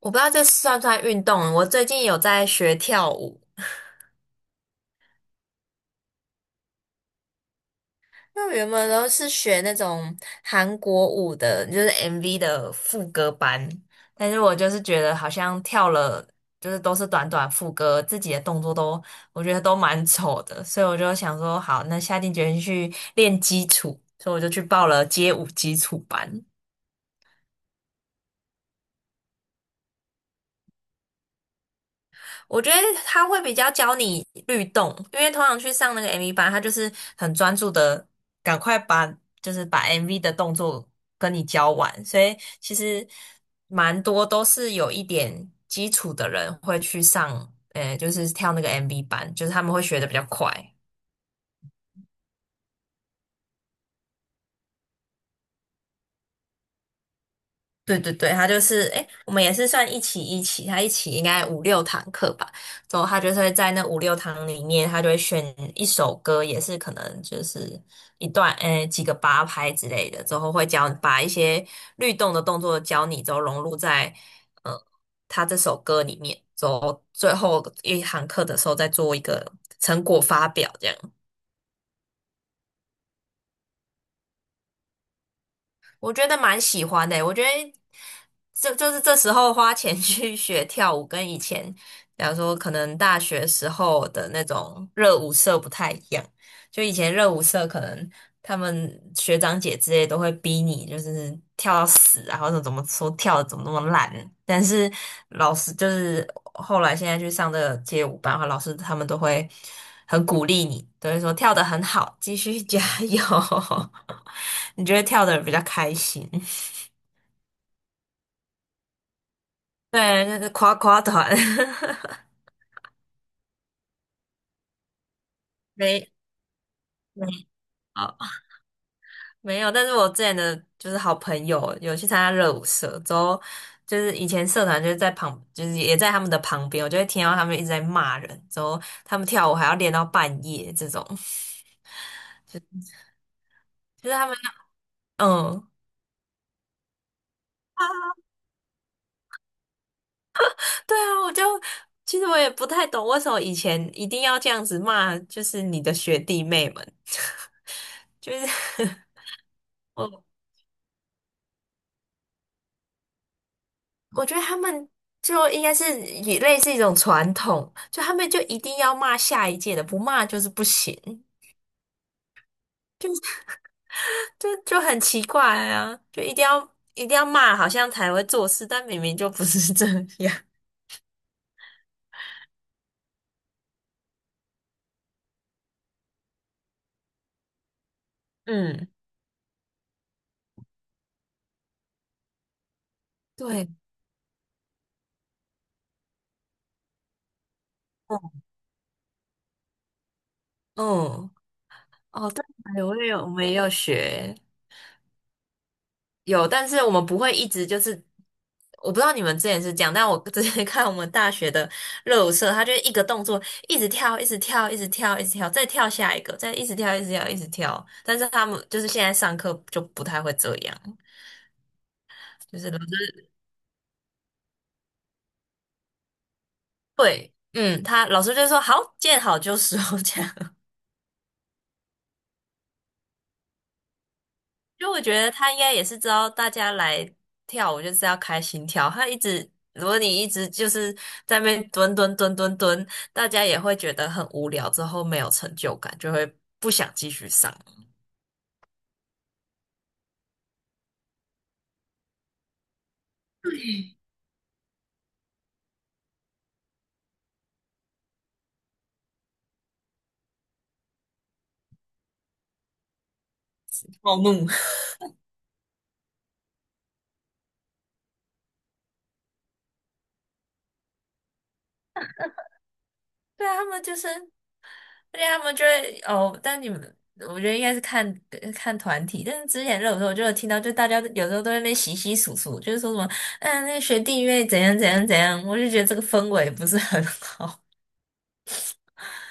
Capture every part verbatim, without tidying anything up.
我不知道这算不算运动。我最近有在学跳舞，那我原本都是学那种韩国舞的，就是 M V 的副歌班。但是我就是觉得好像跳了，就是都是短短副歌，自己的动作都我觉得都蛮丑的，所以我就想说，好，那下定决心去练基础，所以我就去报了街舞基础班。我觉得他会比较教你律动，因为通常去上那个 M V 班，他就是很专注的，赶快把就是把 M V 的动作跟你教完，所以其实蛮多都是有一点基础的人会去上，呃，就是跳那个 M V 班，就是他们会学的比较快。对对对，他就是诶，我们也是算一起一起，他一起应该五六堂课吧。之后他就是会在那五六堂里面，他就会选一首歌，也是可能就是一段诶几个八拍之类的。之后会教把一些律动的动作教你，之后融入在呃他这首歌里面。之后最后一堂课的时候再做一个成果发表，这样。我觉得蛮喜欢的欸，我觉得这就是这时候花钱 去学跳舞，跟以前，比方说可能大学时候的那种热舞社不太一样。就以前热舞社可能他们学长姐之类都会逼你，就是跳到死啊，或者怎么说跳的怎么那么烂。但是老师就是后来现在去上这个街舞班的话，老师他们都会很鼓励你，都会说跳的很好，继续加油。你就会跳的比较开心。对，那是夸夸团。没没好。没有，但是我之前的就是好朋友有去参加热舞社，之后就是以前社团就是在旁，就是也在他们的旁边，我就会听到他们一直在骂人，之后他们跳舞还要练到半夜这种，就是他们嗯。对啊，我就其实我也不太懂为什么以前一定要这样子骂，就是你的学弟妹们，就是 我我觉得他们就应该是也类似一种传统，就他们就一定要骂下一届的，不骂就是不行。就就很奇怪啊，就一定要一定要骂，好像才会做事，但明明就不是 这样。嗯，对，嗯嗯，哦，对，哎我也有，我们也有学，有，但是我们不会一直就是，我不知道你们之前是这样，但我之前 看我们大学的热舞社，他就一个动作一直跳，一直跳，一直跳，一直跳，再跳下一个，再一直跳，一直跳，一直跳。但是他们就是现在上课就不太会这样，就是都是对，嗯，他老师就说好，见好就收 这样。就我觉得他应该也是知道大家来跳舞就是要开心跳，他一直如果你一直就是在那边蹲蹲蹲蹲蹲，大家也会觉得很无聊，之后没有成就感，就会不想继续上。暴怒。对啊，他们就是。对啊，他们就会哦，但你们我觉得应该是看看团体，但是之前热舞的时候我就有听到，就大家有时候都在那边洗洗簌簌，就是说什么，嗯，那个学弟妹怎样怎样怎样，我就觉得这个氛围不是很好，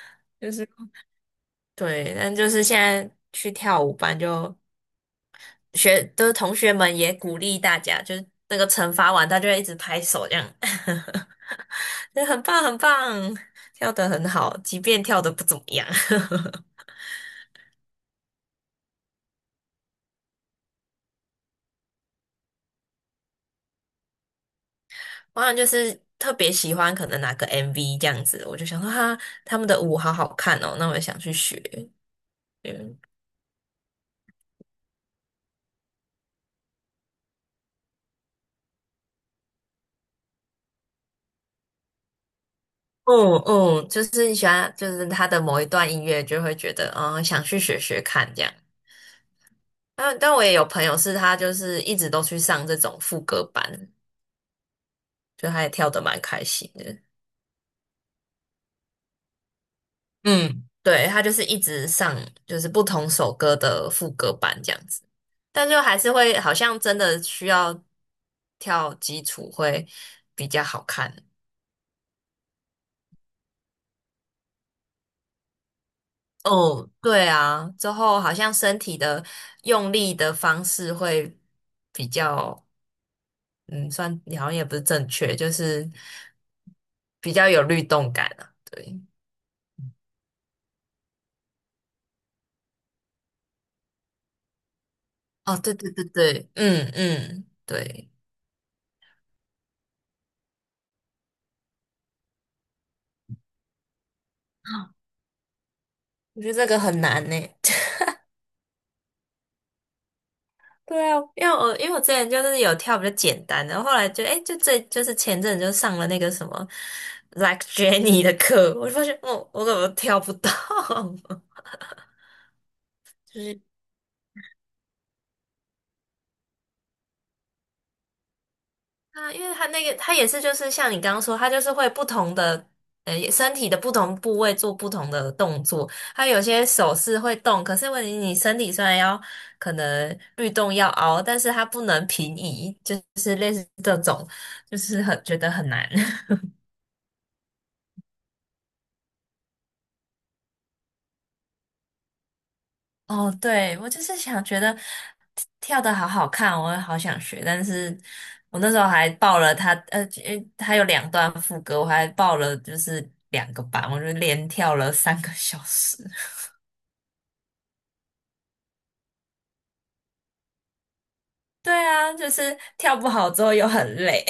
就是对，但就是现在去跳舞班就学，就是同学们也鼓励大家，就是那个惩罚完，他就会一直拍手这样，就很棒很棒，跳得很好，即便跳得不怎么样。我好像就是特别喜欢可能哪个 M V 这样子，我就想说哈，他们的舞好好看哦，那我也想去学。嗯嗯嗯，就是你喜欢，就是他的某一段音乐就会觉得，嗯，想去学学看这样。但但我也有朋友是他就是一直都去上这种副歌班，就他也跳的蛮开心的。嗯，对，他就是一直上，就是不同首歌的副歌版这样子，但就还是会好像真的需要跳基础会比较好看。哦，对啊，之后好像身体的用力的方式会比较，嗯，算好像也不是正确，就是比较有律动感啊。对，哦，对对对对，嗯嗯，对，我觉得这个很难呢。对啊，因为我因为我之前就是有跳比较简单的，后来就哎、就这就是前阵子就上了那个什么 Like Jenny 的课，我就发现哦，我怎么跳不到？就是啊，因为他那个他也是就是像你刚刚说，他就是会不同的呃身体的不同部位做不同的动作，他有些手势会动，可是问题你身体虽然要可能律动要凹，但是它不能平移，就是类似这种，就是很觉得很难。哦，对，我就是想觉得跳的好好看，我也好想学，但是我那时候还报了他，呃，因为他有两段副歌，我还报了就是两个班，我就连跳了三个小时。对啊，就是跳不好之后又很累。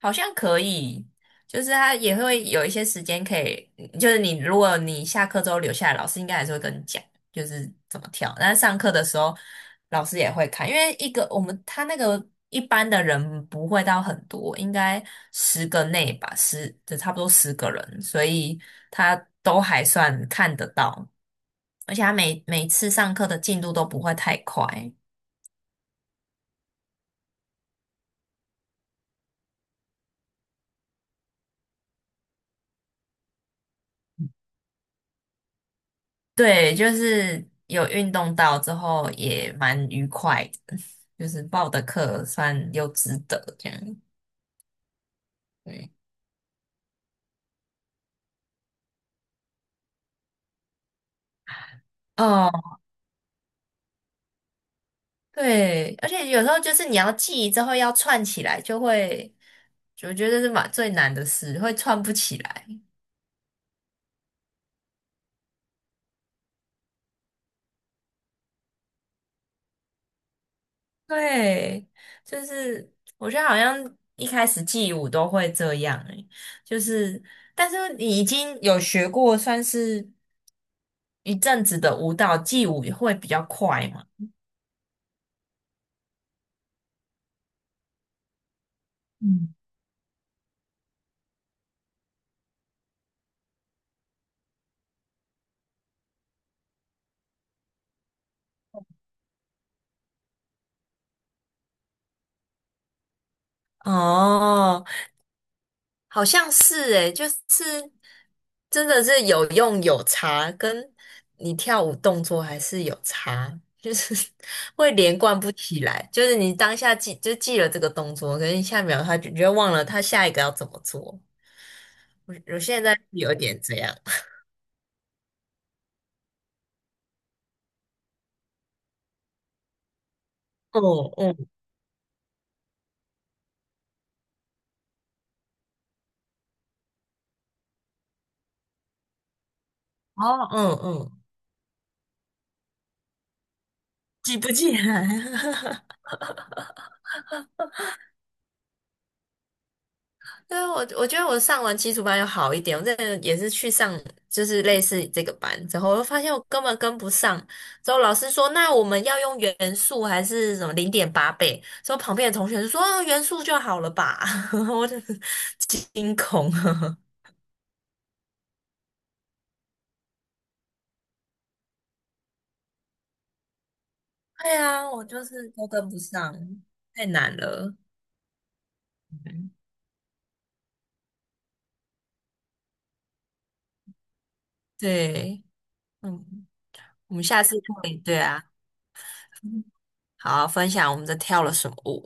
好像可以，就是他也会有一些时间可以，就是你如果你下课之后留下来，老师应该还是会跟你讲，就是怎么跳。但是上课的时候，老师也会看，因为一个我们他那个一般的人不会到很多，应该十个内吧，十就差不多十个人，所以他都还算看得到，而且他每每次上课的进度都不会太快。对，就是有运动到之后也蛮愉快的，就是报的课算又值得这样。对，哦，对，而且有时候就是你要记之后要串起来，就会，我觉得是蛮最难的事，会串不起来。对，就是我觉得好像一开始记舞都会这样欸，就是但是你已经有学过算是一阵子的舞蹈，记舞也会比较快嘛。嗯。哦，好像是诶，就是真的是有用有差，跟你跳舞动作还是有差，就是 会连贯不起来。就是你当下记就记了这个动作，可是下一秒他就你就忘了他下一个要怎么做。我我现在有点这样，哦嗯，哦嗯嗯，记不起来。对啊，我我觉得我上完基础班有好一点，我真的也是去上就是类似这个班之后，我发现我根本跟不上。之后老师说，那我们要用元素还是什么零点八倍？之后旁边的同学就说，哦元素就好了吧？我就是惊恐。对啊，我就是都跟不上，太难了。嗯对，嗯，我们下次可以，对啊，好，分享我们这跳了什么舞。